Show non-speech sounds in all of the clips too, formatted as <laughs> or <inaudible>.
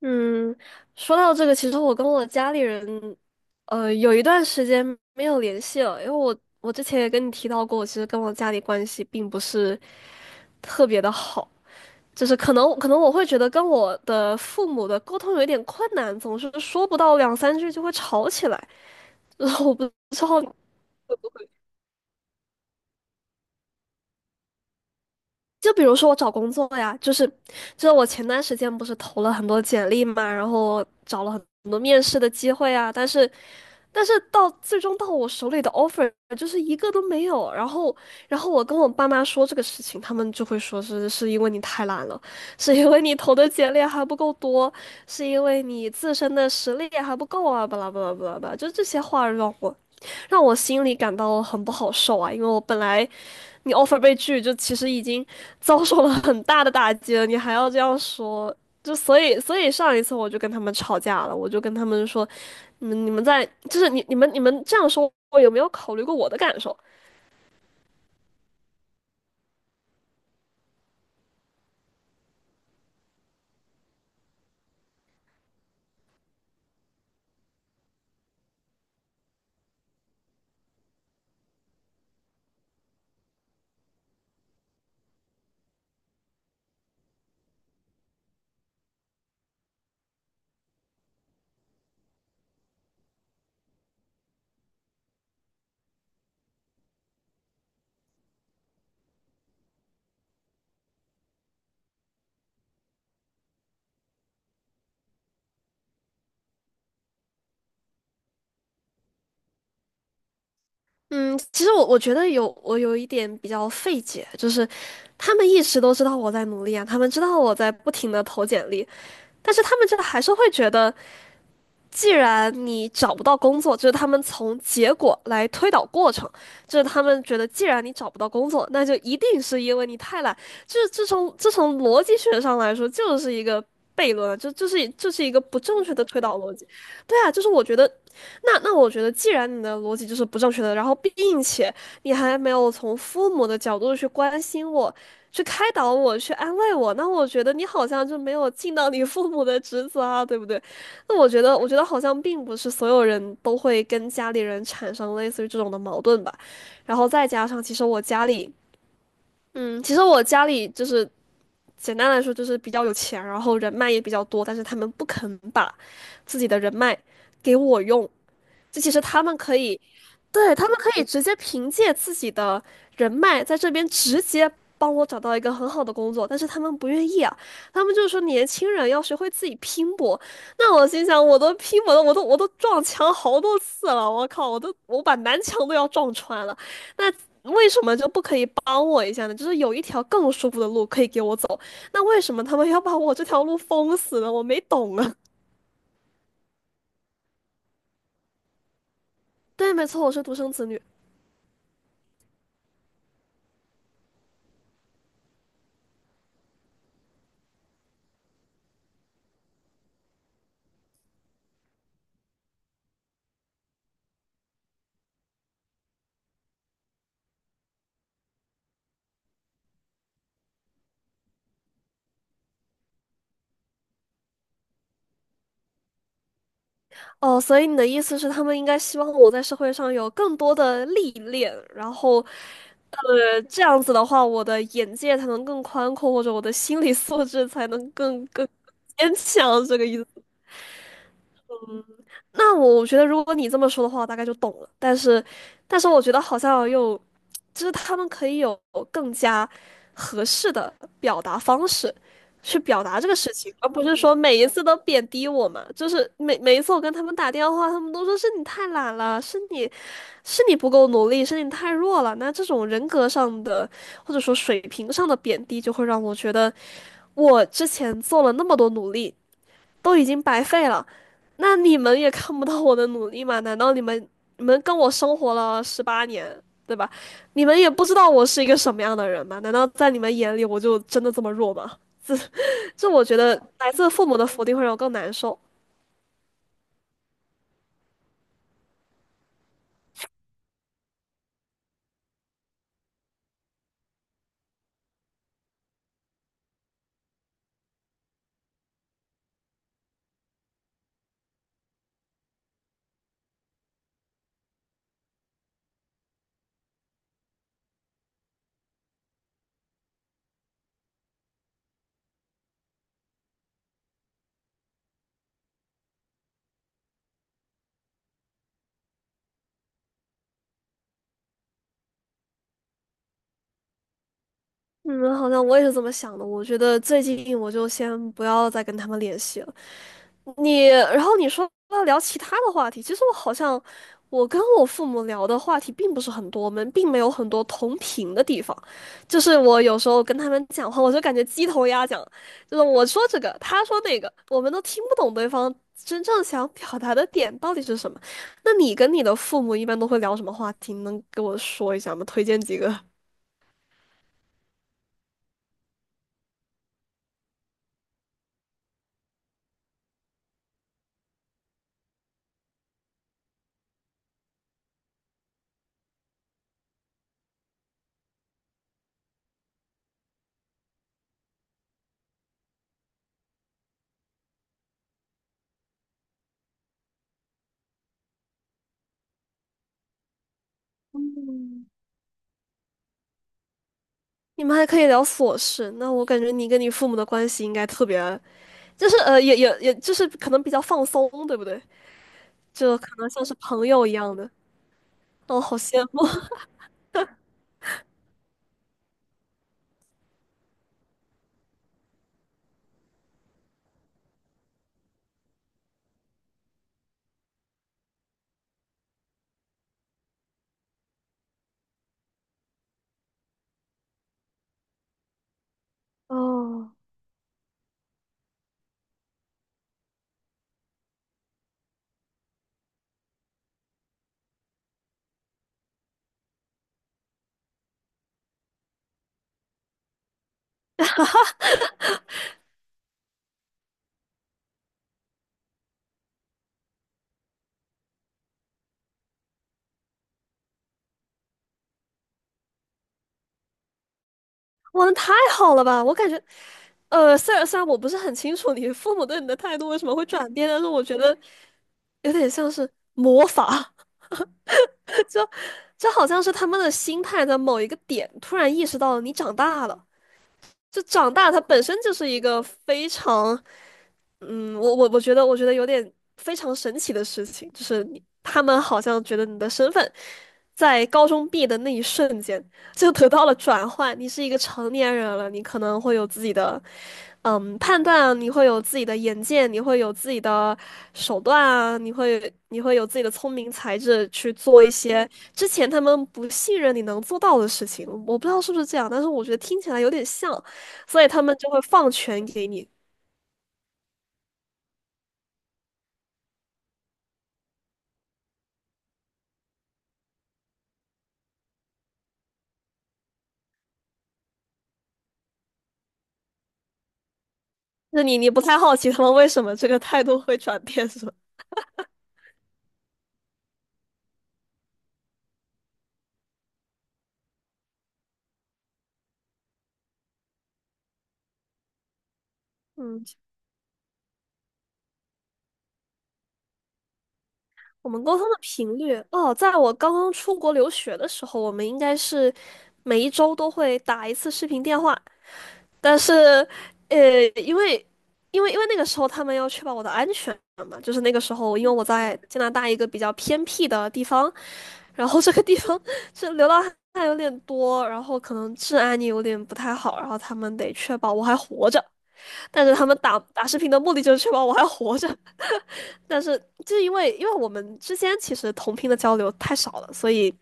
嗯，说到这个，其实我跟我家里人，有一段时间没有联系了，因为我之前也跟你提到过，我其实跟我家里关系并不是特别的好，就是可能我会觉得跟我的父母的沟通有一点困难，总是说不到两三句就会吵起来，<laughs> 然后我不知道就比如说我找工作呀，就是我前段时间不是投了很多简历嘛，然后找了很多面试的机会啊，但是到最终到我手里的 offer 就是一个都没有。然后我跟我爸妈说这个事情，他们就会说是因为你太懒了，是因为你投的简历还不够多，是因为你自身的实力还不够啊，巴拉巴拉巴拉巴拉，就这些话让我心里感到很不好受啊，因为我本来。你 offer 被拒，就其实已经遭受了很大的打击了，你还要这样说，就所以上一次我就跟他们吵架了，我就跟他们说，你们你们在就是你你们你们这样说，我有没有考虑过我的感受？嗯，其实我觉得我有一点比较费解，就是他们一直都知道我在努力啊，他们知道我在不停的投简历，但是他们真的还是会觉得。既然你找不到工作，就是他们从结果来推导过程，就是他们觉得既然你找不到工作，那就一定是因为你太懒。就是这从这从逻辑学上来说，就是一个悖论啊就这是一个不正确的推导逻辑。对啊，就是我觉得，那我觉得，既然你的逻辑就是不正确的，然后并且你还没有从父母的角度去关心我。去开导我，去安慰我，那我觉得你好像就没有尽到你父母的职责啊，对不对？那我觉得，我觉得好像并不是所有人都会跟家里人产生类似于这种的矛盾吧。然后再加上，其实我家里，嗯，其实我家里就是简单来说就是比较有钱，然后人脉也比较多，但是他们不肯把自己的人脉给我用，就其实他们可以，对，他们可以直接凭借自己的人脉在这边直接帮我找到一个很好的工作，但是他们不愿意啊，他们就是说年轻人要学会自己拼搏。那我心想，我都拼搏了，我都撞墙好多次了，我靠，我把南墙都要撞穿了，那。为什么就不可以帮我一下呢？就是有一条更舒服的路可以给我走，那为什么他们要把我这条路封死呢？我没懂啊。对，没错，我是独生子女。哦，所以你的意思是，他们应该希望我在社会上有更多的历练，然后，呃，这样子的话，我的眼界才能更宽阔，或者我的心理素质才能更坚强，这个意思。那我觉得，如果你这么说的话，我大概就懂了。但是，但是我觉得好像又，就是他们可以有更加合适的表达方式去表达这个事情，而不是说每一次都贬低我嘛。就是每一次我跟他们打电话，他们都说是你太懒了，是你不够努力，是你太弱了。那这种人格上的或者说水平上的贬低，就会让我觉得我之前做了那么多努力，都已经白费了，那你们也看不到我的努力吗？难道你们跟我生活了18年，对吧？你们也不知道我是一个什么样的人吗？难道在你们眼里我就真的这么弱吗？这这，我觉得来自父母的否定会让我更难受。嗯，好像我也是这么想的。我觉得最近我就先不要再跟他们联系了。你，然后你说要聊其他的话题，其实我好像我跟我父母聊的话题并不是很多，我们并没有很多同频的地方。就是我有时候跟他们讲话，我就感觉鸡同鸭讲，就是我说这个，他说那个，我们都听不懂对方真正想表达的点到底是什么。那你跟你的父母一般都会聊什么话题？能给我说一下吗？推荐几个？嗯，你们还可以聊琐事，那我感觉你跟你父母的关系应该特别就是呃，也就是可能比较放松，对不对？就可能像是朋友一样的。哦，好羡慕 <laughs> 哦！哇，那太好了吧？我感觉，呃，虽然我不是很清楚你父母对你的态度为什么会转变，但是我觉得有点像是魔法，<laughs> 这好像是他们的心态在某一个点突然意识到你长大了。就长大，它本身就是一个非常，嗯，我觉得，我觉得有点非常神奇的事情，就是你他们好像觉得你的身份在高中毕业的那一瞬间就得到了转换，你是一个成年人了，你可能会有自己的嗯，判断你会有自己的眼界，你会有自己的手段啊，你会有自己的聪明才智去做一些之前他们不信任你能做到的事情。我不知道是不是这样，但是我觉得听起来有点像，所以他们就会放权给你。那你不太好奇他们为什么这个态度会转变是吧嗯，我们沟通的频率哦，在我刚刚出国留学的时候，我们应该是每一周都会打一次视频电话。但是，呃，因为那个时候他们要确保我的安全嘛，就是那个时候，因为我在加拿大一个比较偏僻的地方，然后这个地方 <laughs> 是流浪汉有点多，然后可能治安也有点不太好，然后他们得确保我还活着。但是他们打视频的目的就是确保我还活着，但是就是因为我们之间其实同频的交流太少了，所以。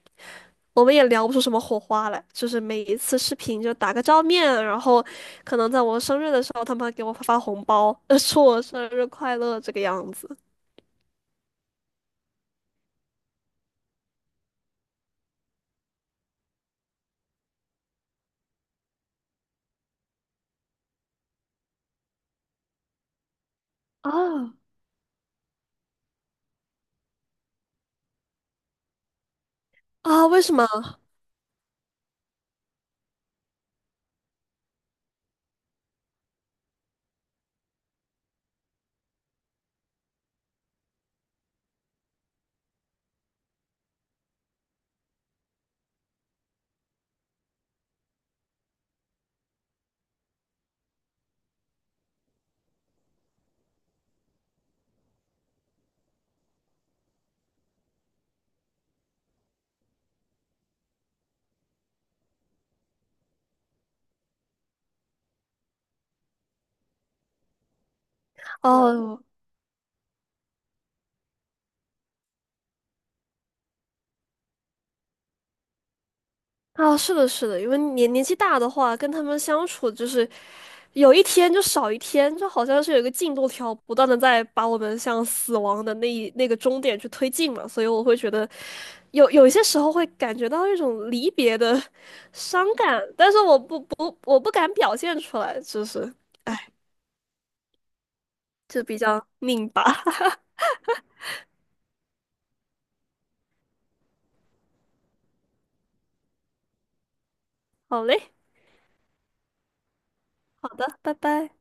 我们也聊不出什么火花来，就是每一次视频就打个照面，然后可能在我生日的时候，他们还给我发红包，<laughs> 呃，说我生日快乐这个样子。啊。啊，为什么？哦哦，啊，是的，是的，因为年纪大的话，跟他们相处就是有一天就少一天，就好像是有一个进度条，不断的在把我们向死亡的那个终点去推进嘛，所以我会觉得有一些时候会感觉到一种离别的伤感，但是我不我不敢表现出来，就是哎，就比较拧巴。<laughs> 好嘞，好的，拜拜。